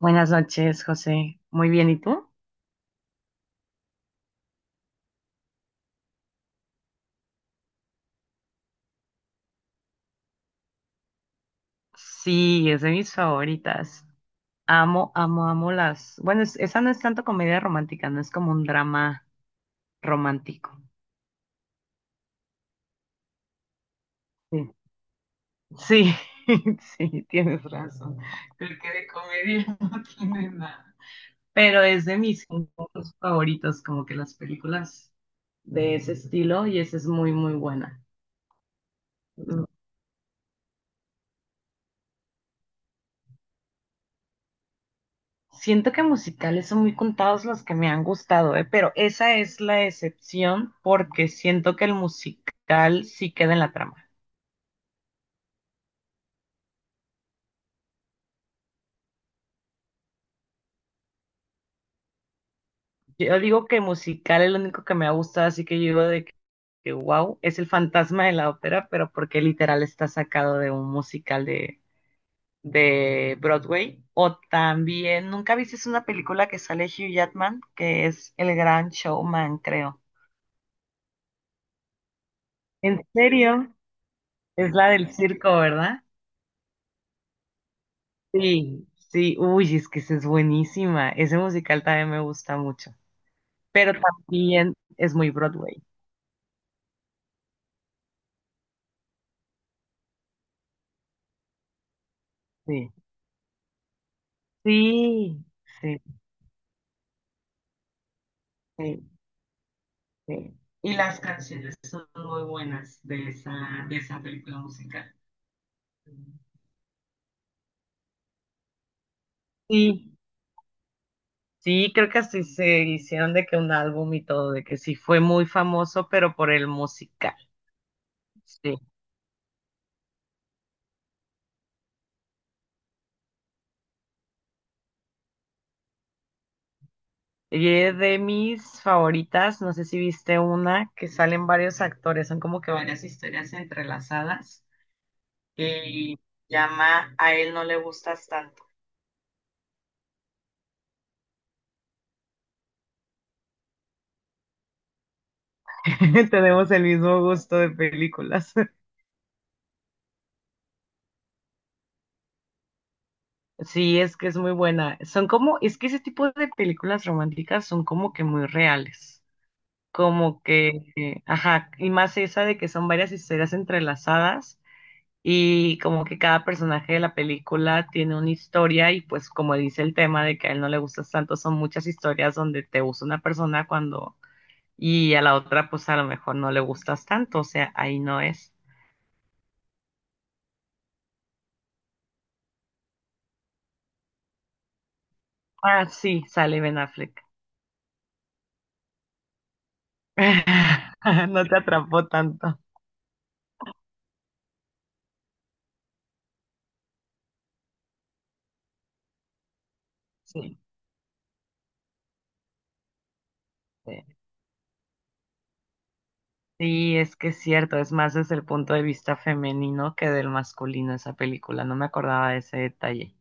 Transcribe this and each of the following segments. Buenas noches, José. Muy bien, ¿y tú? Sí, es de mis favoritas. Amo, amo, amo las. Bueno, esa no es tanto comedia romántica, no es como un drama romántico. Sí, sí, sí, tienes razón. Creo que de comedia no tiene nada. Pero es de mis géneros favoritos, como que las películas de ese estilo, y esa es muy, muy buena. Siento que musicales son muy contados los que me han gustado, ¿eh? Pero esa es la excepción porque siento que el musical sí queda en la trama. Yo digo que musical es lo único que me ha gustado, así que yo digo de que wow, es el fantasma de la ópera, pero porque literal está sacado de un musical de Broadway. O también, ¿nunca viste una película que sale Hugh Jackman? Que es El Gran Showman, creo. ¿En serio? Es la del circo, ¿verdad? Sí, sí, uy, es que esa es buenísima. Ese musical también me gusta mucho. Pero también es muy Broadway. Sí. Sí, sí, sí, sí. Y las canciones son muy buenas de esa película musical. Sí, sí, creo que así se hicieron de que un álbum y todo, de que sí fue muy famoso, pero por el musical. Sí. Y es de mis favoritas, no sé si viste una, que salen varios actores, son como que varias historias entrelazadas, y llama A él no le gustas tanto. Tenemos el mismo gusto de películas. Sí, es que es muy buena. Son como, es que ese tipo de películas románticas son como que muy reales, como que, ajá, y más esa de que son varias historias entrelazadas y como que cada personaje de la película tiene una historia y pues como dice el tema de que a él no le gustas tanto, son muchas historias donde te usa una persona cuando y a la otra pues a lo mejor no le gustas tanto, o sea, ahí no es. Ah, sí, sale Ben Affleck. No te atrapó tanto. Sí. Sí, sí, es que es cierto, es más desde el punto de vista femenino que del masculino esa película, no me acordaba de ese detalle.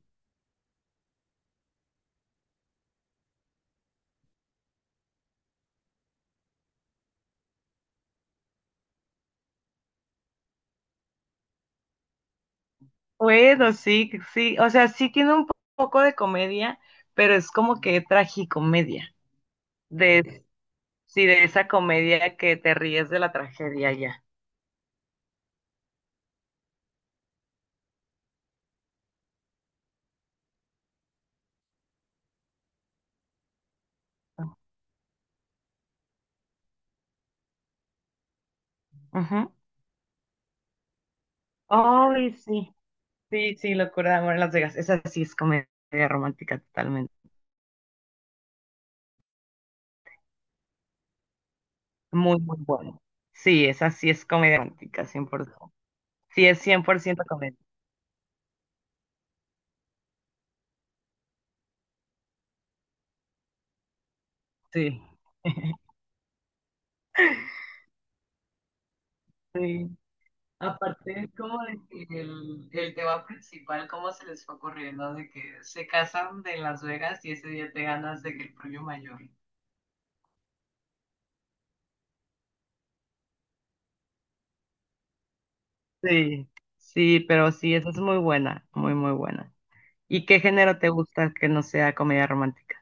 Bueno, sí, sí, o sea, sí tiene un poco de comedia, pero es como que tragicomedia, de, sí, de esa comedia que te ríes de la tragedia ya. Ujú. Ay, sí, sí, sí, Locura de Amor en Las Vegas, esa sí es comedia romántica totalmente, muy, muy buena. Sí, esa sí es comedia romántica, 100%. Sí, es cien por ciento comedia, sí. Sí. Aparte es como de que el tema principal, cómo se les fue ocurriendo de que se casan de Las Vegas y ese día te ganas de que el premio mayor. Sí, sí, pero sí, esa es muy buena, muy, muy buena. ¿Y qué género te gusta que no sea comedia romántica?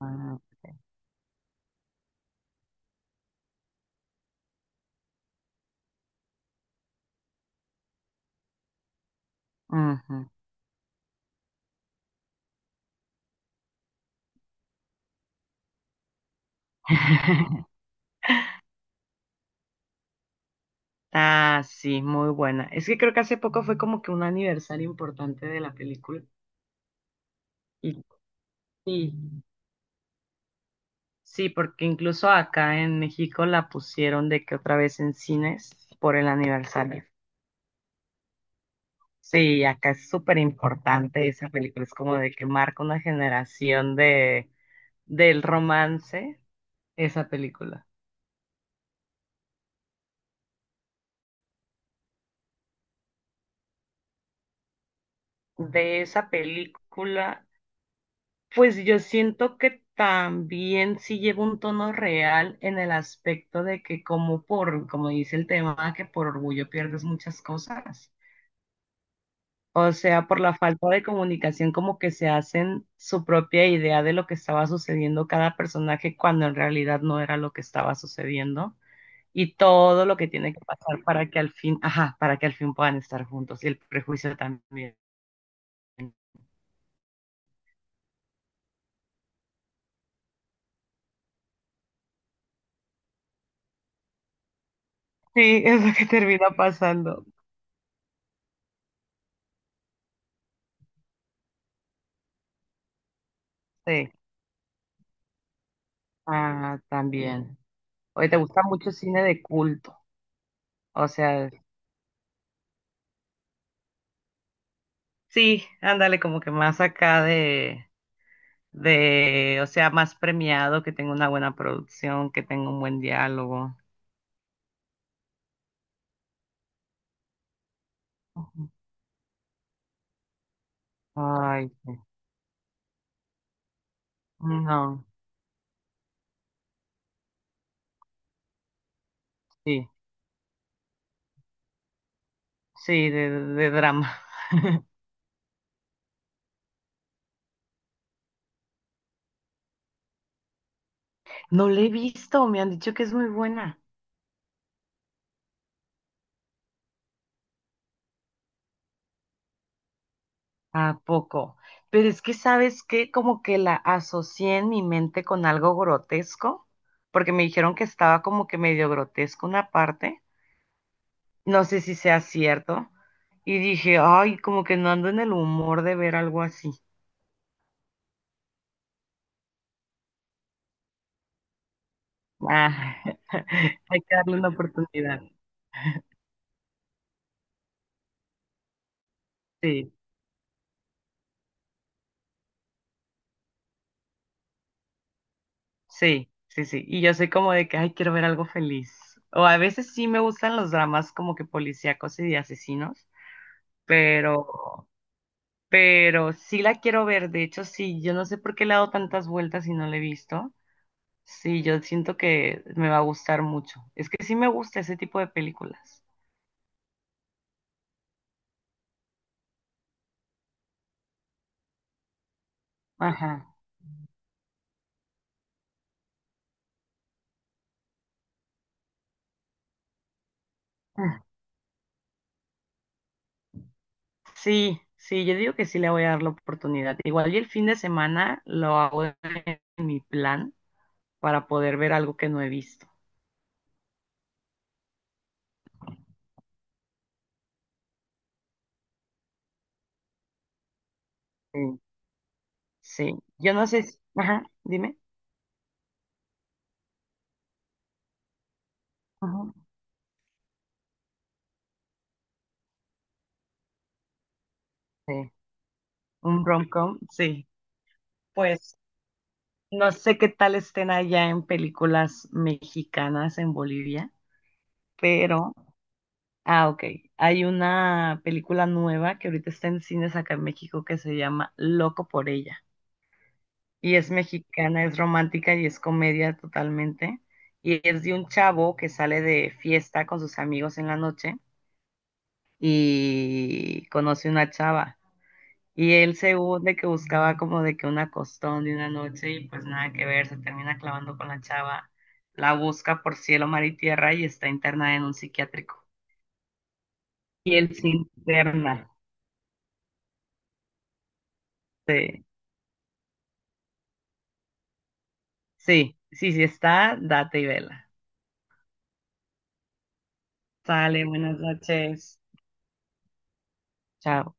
Ah, ujú. Ah, sí, muy buena. Es que creo que hace poco fue como que un aniversario importante de la película. Y sí. Sí, porque incluso acá en México la pusieron de que otra vez en cines por el aniversario. Sí, acá es súper importante esa película, es como de que marca una generación de del romance esa película. De esa película, pues yo siento que también sí lleva un tono real en el aspecto de que como por, como dice el tema, que por orgullo pierdes muchas cosas. O sea, por la falta de comunicación, como que se hacen su propia idea de lo que estaba sucediendo cada personaje cuando en realidad no era lo que estaba sucediendo y todo lo que tiene que pasar para que al fin, ajá, para que al fin puedan estar juntos y el prejuicio también. Sí, es lo que termina pasando. Sí, ah, también. Oye, ¿te gusta mucho cine de culto? O sea, sí, ándale, como que más acá de, o sea, más premiado, que tenga una buena producción, que tenga un buen diálogo. Ujú. Ay, sí. No, sí, sí, de drama. No la he visto, me han dicho que es muy buena. ¿A poco? Pero es que, ¿sabes qué? Como que la asocié en mi mente con algo grotesco, porque me dijeron que estaba como que medio grotesco una parte. No sé si sea cierto. Y dije, ay, como que no ando en el humor de ver algo así. Ah, hay que darle una oportunidad. Sí, sí, sí, sí. Y yo soy como de que, ay, quiero ver algo feliz. O a veces sí me gustan los dramas como que policíacos y de asesinos, pero, pero sí la quiero ver. De hecho, sí, yo no sé por qué le he dado tantas vueltas y no la he visto. Sí, yo siento que me va a gustar mucho. Es que sí me gusta ese tipo de películas. Ajá. Ah, sí, sí, yo digo que sí le voy a dar la oportunidad. Igual y el fin de semana lo hago en mi plan para poder ver algo que no he visto. Sí, sí. Yo no sé si... Ajá, dime. Ajá, sí. Un rom-com, sí. Pues no sé qué tal estén allá en películas mexicanas en Bolivia, pero... Ah, ok. Hay una película nueva que ahorita está en cines acá en México que se llama Loco por ella. Y es mexicana, es romántica y es comedia totalmente. Y es de un chavo que sale de fiesta con sus amigos en la noche y conoce una chava. Y él según de que buscaba como de que una costón de una noche y pues nada que ver, se termina clavando con la chava, la busca por cielo, mar y tierra y está internada en un psiquiátrico. Y él se interna. Sí, sí, sí, sí está, date y vela. Sale, buenas noches. Chao.